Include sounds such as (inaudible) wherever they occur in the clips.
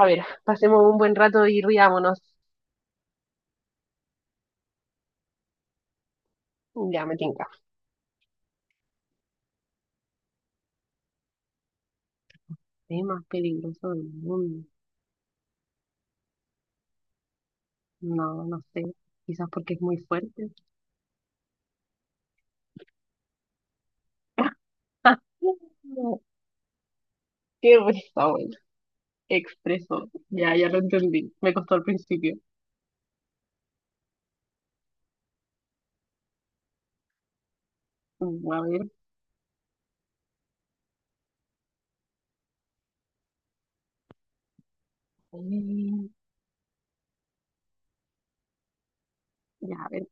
A ver, pasemos un buen rato y riámonos. Ya me tinca. Es más peligroso del mundo. No, no sé. Quizás porque es muy fuerte. (laughs) Qué risa, bueno. Expreso. Ya, ya lo entendí. Me costó al principio. Mm, a ver. eh, Ya, a ver.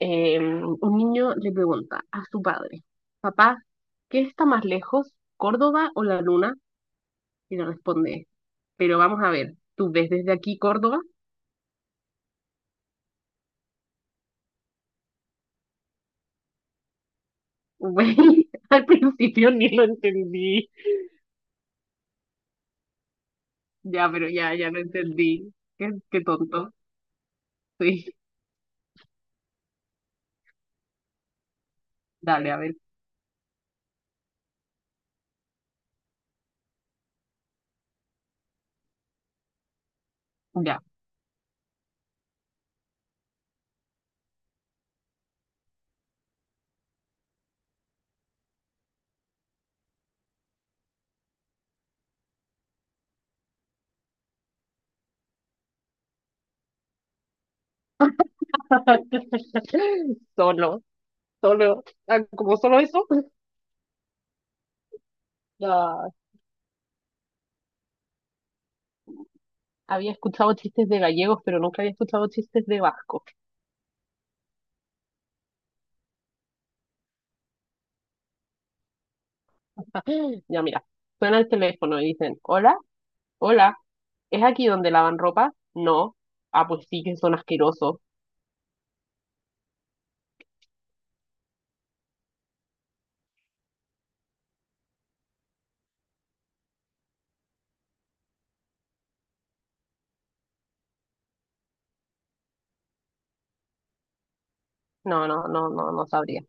Un niño le pregunta a su padre, papá, ¿qué está más lejos, Córdoba o la luna? Y le responde, pero vamos a ver, ¿tú ves desde aquí Córdoba? Güey, (laughs) al principio ni lo entendí. Ya, pero ya, ya lo entendí. Qué tonto. Sí, dale, a ver. Ya. (laughs) Solo, solo. Ah, como solo eso, ya había escuchado chistes de gallegos, pero nunca había escuchado chistes de vascos. Ya, mira, suena el teléfono y dicen, hola, hola, ¿es aquí donde lavan ropa? No. Ah, pues sí, que son asquerosos. No, no, no, no, no sabría.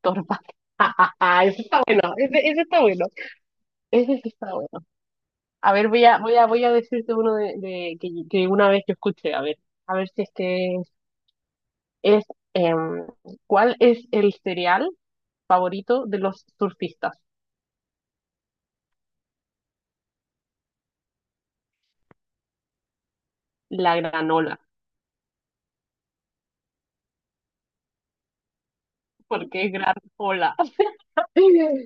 Torpa. (laughs) Ese está bueno, ese está bueno. Ese sí está bueno. A ver, voy a decirte uno de, que una vez yo escuché, a ver si es que es, em, ¿cuál es el cereal favorito de los surfistas? La granola. ¿Por qué granola? (laughs)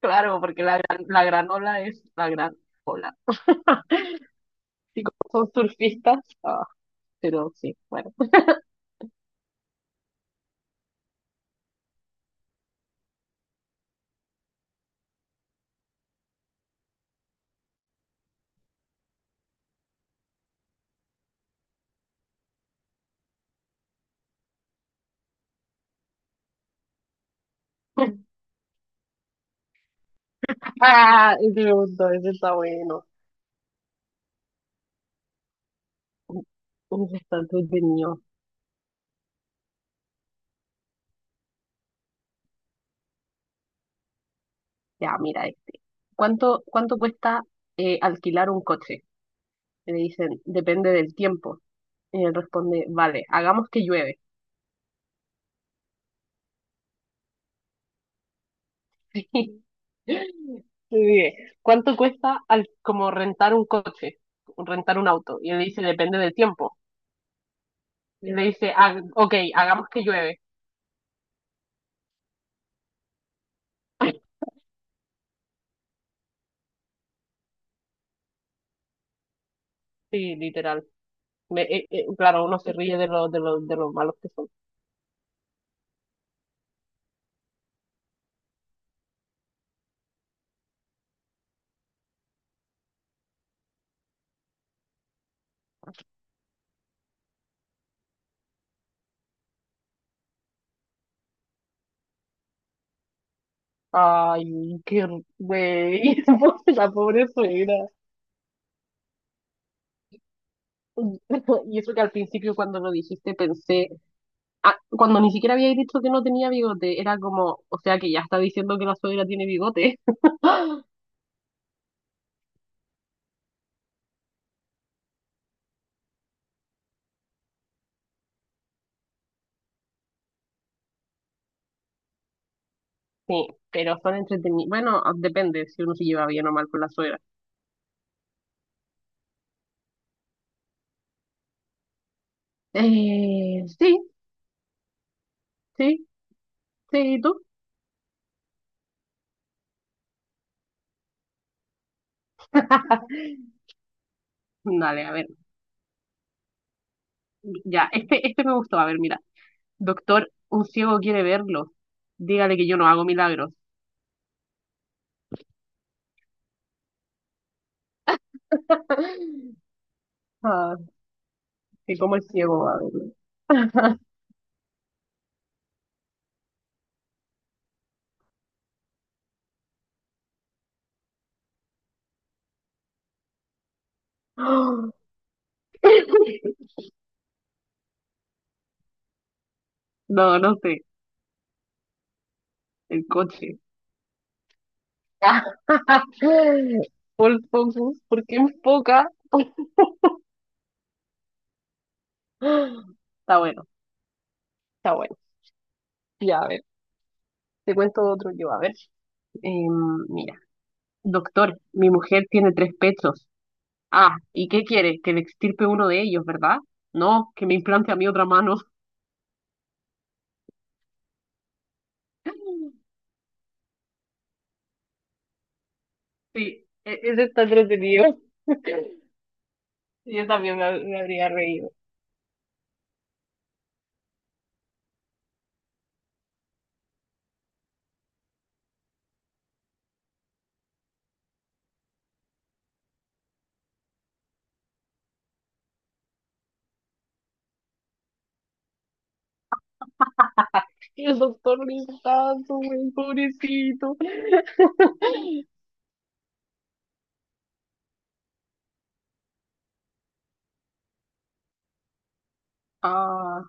Claro, porque la, la granola es la gran ola. Y (laughs) como son surfistas, ah, pero sí, bueno. (laughs) Ah, ese me gustó, ese está bueno. Ese está entretenido. Ya, mira este. ¿Cuánto cuesta alquilar un coche? Y le dicen, depende del tiempo. Y él responde, vale, hagamos que llueve. (laughs) Le dice, ¿cuánto cuesta al, como rentar un coche? Rentar un auto. Y él dice, depende del tiempo. Y le dice, "Ah, ok, hagamos que llueve." (laughs) Sí, literal. Claro, uno se ríe de lo malos que son. Ay, güey, (laughs) la pobre suegra. (laughs) Y eso que al principio cuando lo dijiste pensé, ah, cuando ni siquiera había dicho que no tenía bigote, era como, o sea que ya está diciendo que la suegra tiene bigote. (laughs) Sí, pero son entretenidos. Bueno, depende si uno se lleva bien o mal con la suegra. Sí, sí, sí, ¿y tú? (laughs) Dale, a ver. Ya, este me gustó. A ver, mira. Doctor, un ciego quiere verlo. Dígale que yo no hago milagros. (laughs) Ah, que como el ciego va a verlo. (gasps) No, no sé. El coche. (laughs) Full focus, porque enfoca. (laughs) Está bueno, está bueno. Ya, a ver, te cuento otro yo. A ver, mira, doctor, mi mujer tiene tres pechos. Ah, ¿y qué quiere? Que le extirpe uno de ellos, ¿verdad? No, que me implante a mi otra mano. (laughs) Sí, ese está entretenido. (laughs) Yo también me habría reído. Y el doctor Listazo, güey, pobrecito. (laughs) Ah,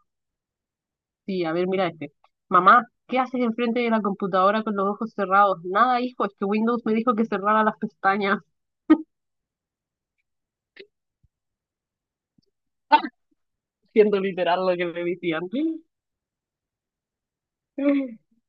sí, a ver, mira este. Mamá, ¿qué haces enfrente de la computadora con los ojos cerrados? Nada, hijo, es que Windows me dijo que cerrara las pestañas, (laughs) siendo literal lo que me decían. (laughs)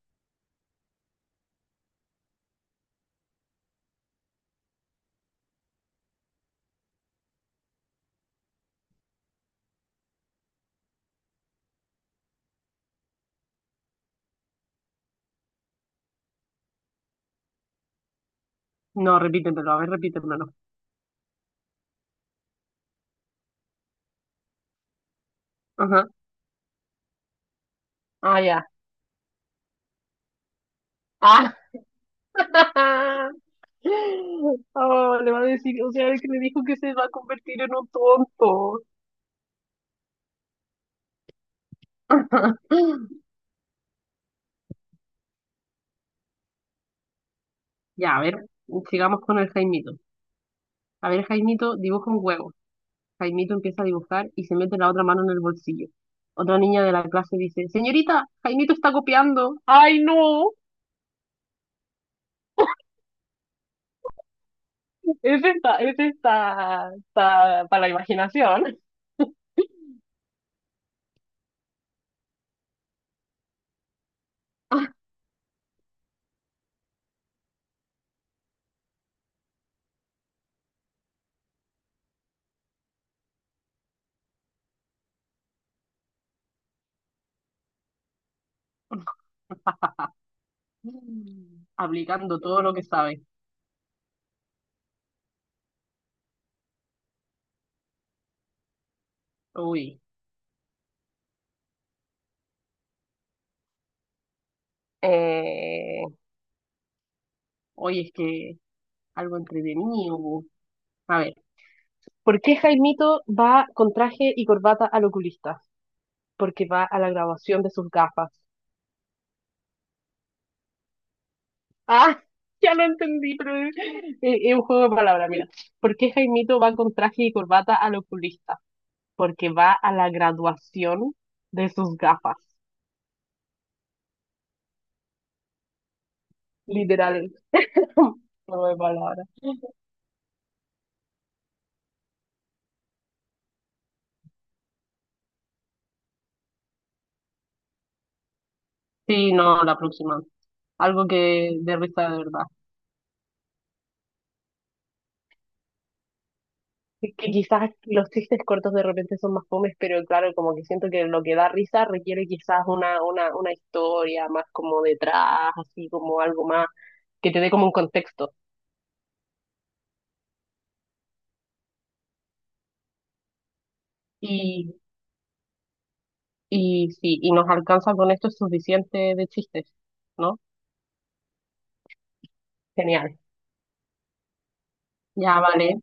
No, repítemelo, a ver, repítemelo. Ajá. Ah, ya. Ah, (laughs) oh, le va a decir, o sea, es que me dijo que se va a convertir en un tonto. Ya, a ver, sigamos con el Jaimito. A ver, Jaimito, dibuja un huevo. Jaimito empieza a dibujar y se mete la otra mano en el bolsillo. Otra niña de la clase dice, señorita, Jaimito está copiando. Ay, no, esta para la imaginación. (laughs) Aplicando todo lo que sabe. Uy, Eh, hoy es que algo entretenido. Bu. A ver, ¿por qué Jaimito va con traje y corbata al oculista? Porque va a la graduación de sus gafas. Ah, (laughs) ya lo entendí, pero es un juego de palabras, mira. ¿Por qué Jaimito va con traje y corbata al oculista? Porque va a la graduación de sus gafas. Literal, (laughs) un juego de palabras. Sí, no, la próxima. Algo que de risa de verdad. Es que quizás los chistes cortos de repente son más fomes, pero claro, como que siento que lo que da risa requiere quizás una historia más como detrás, así como algo más que te dé como un contexto. Y Y sí, y nos alcanza con esto suficiente de chistes, ¿no? Genial. Ya vale.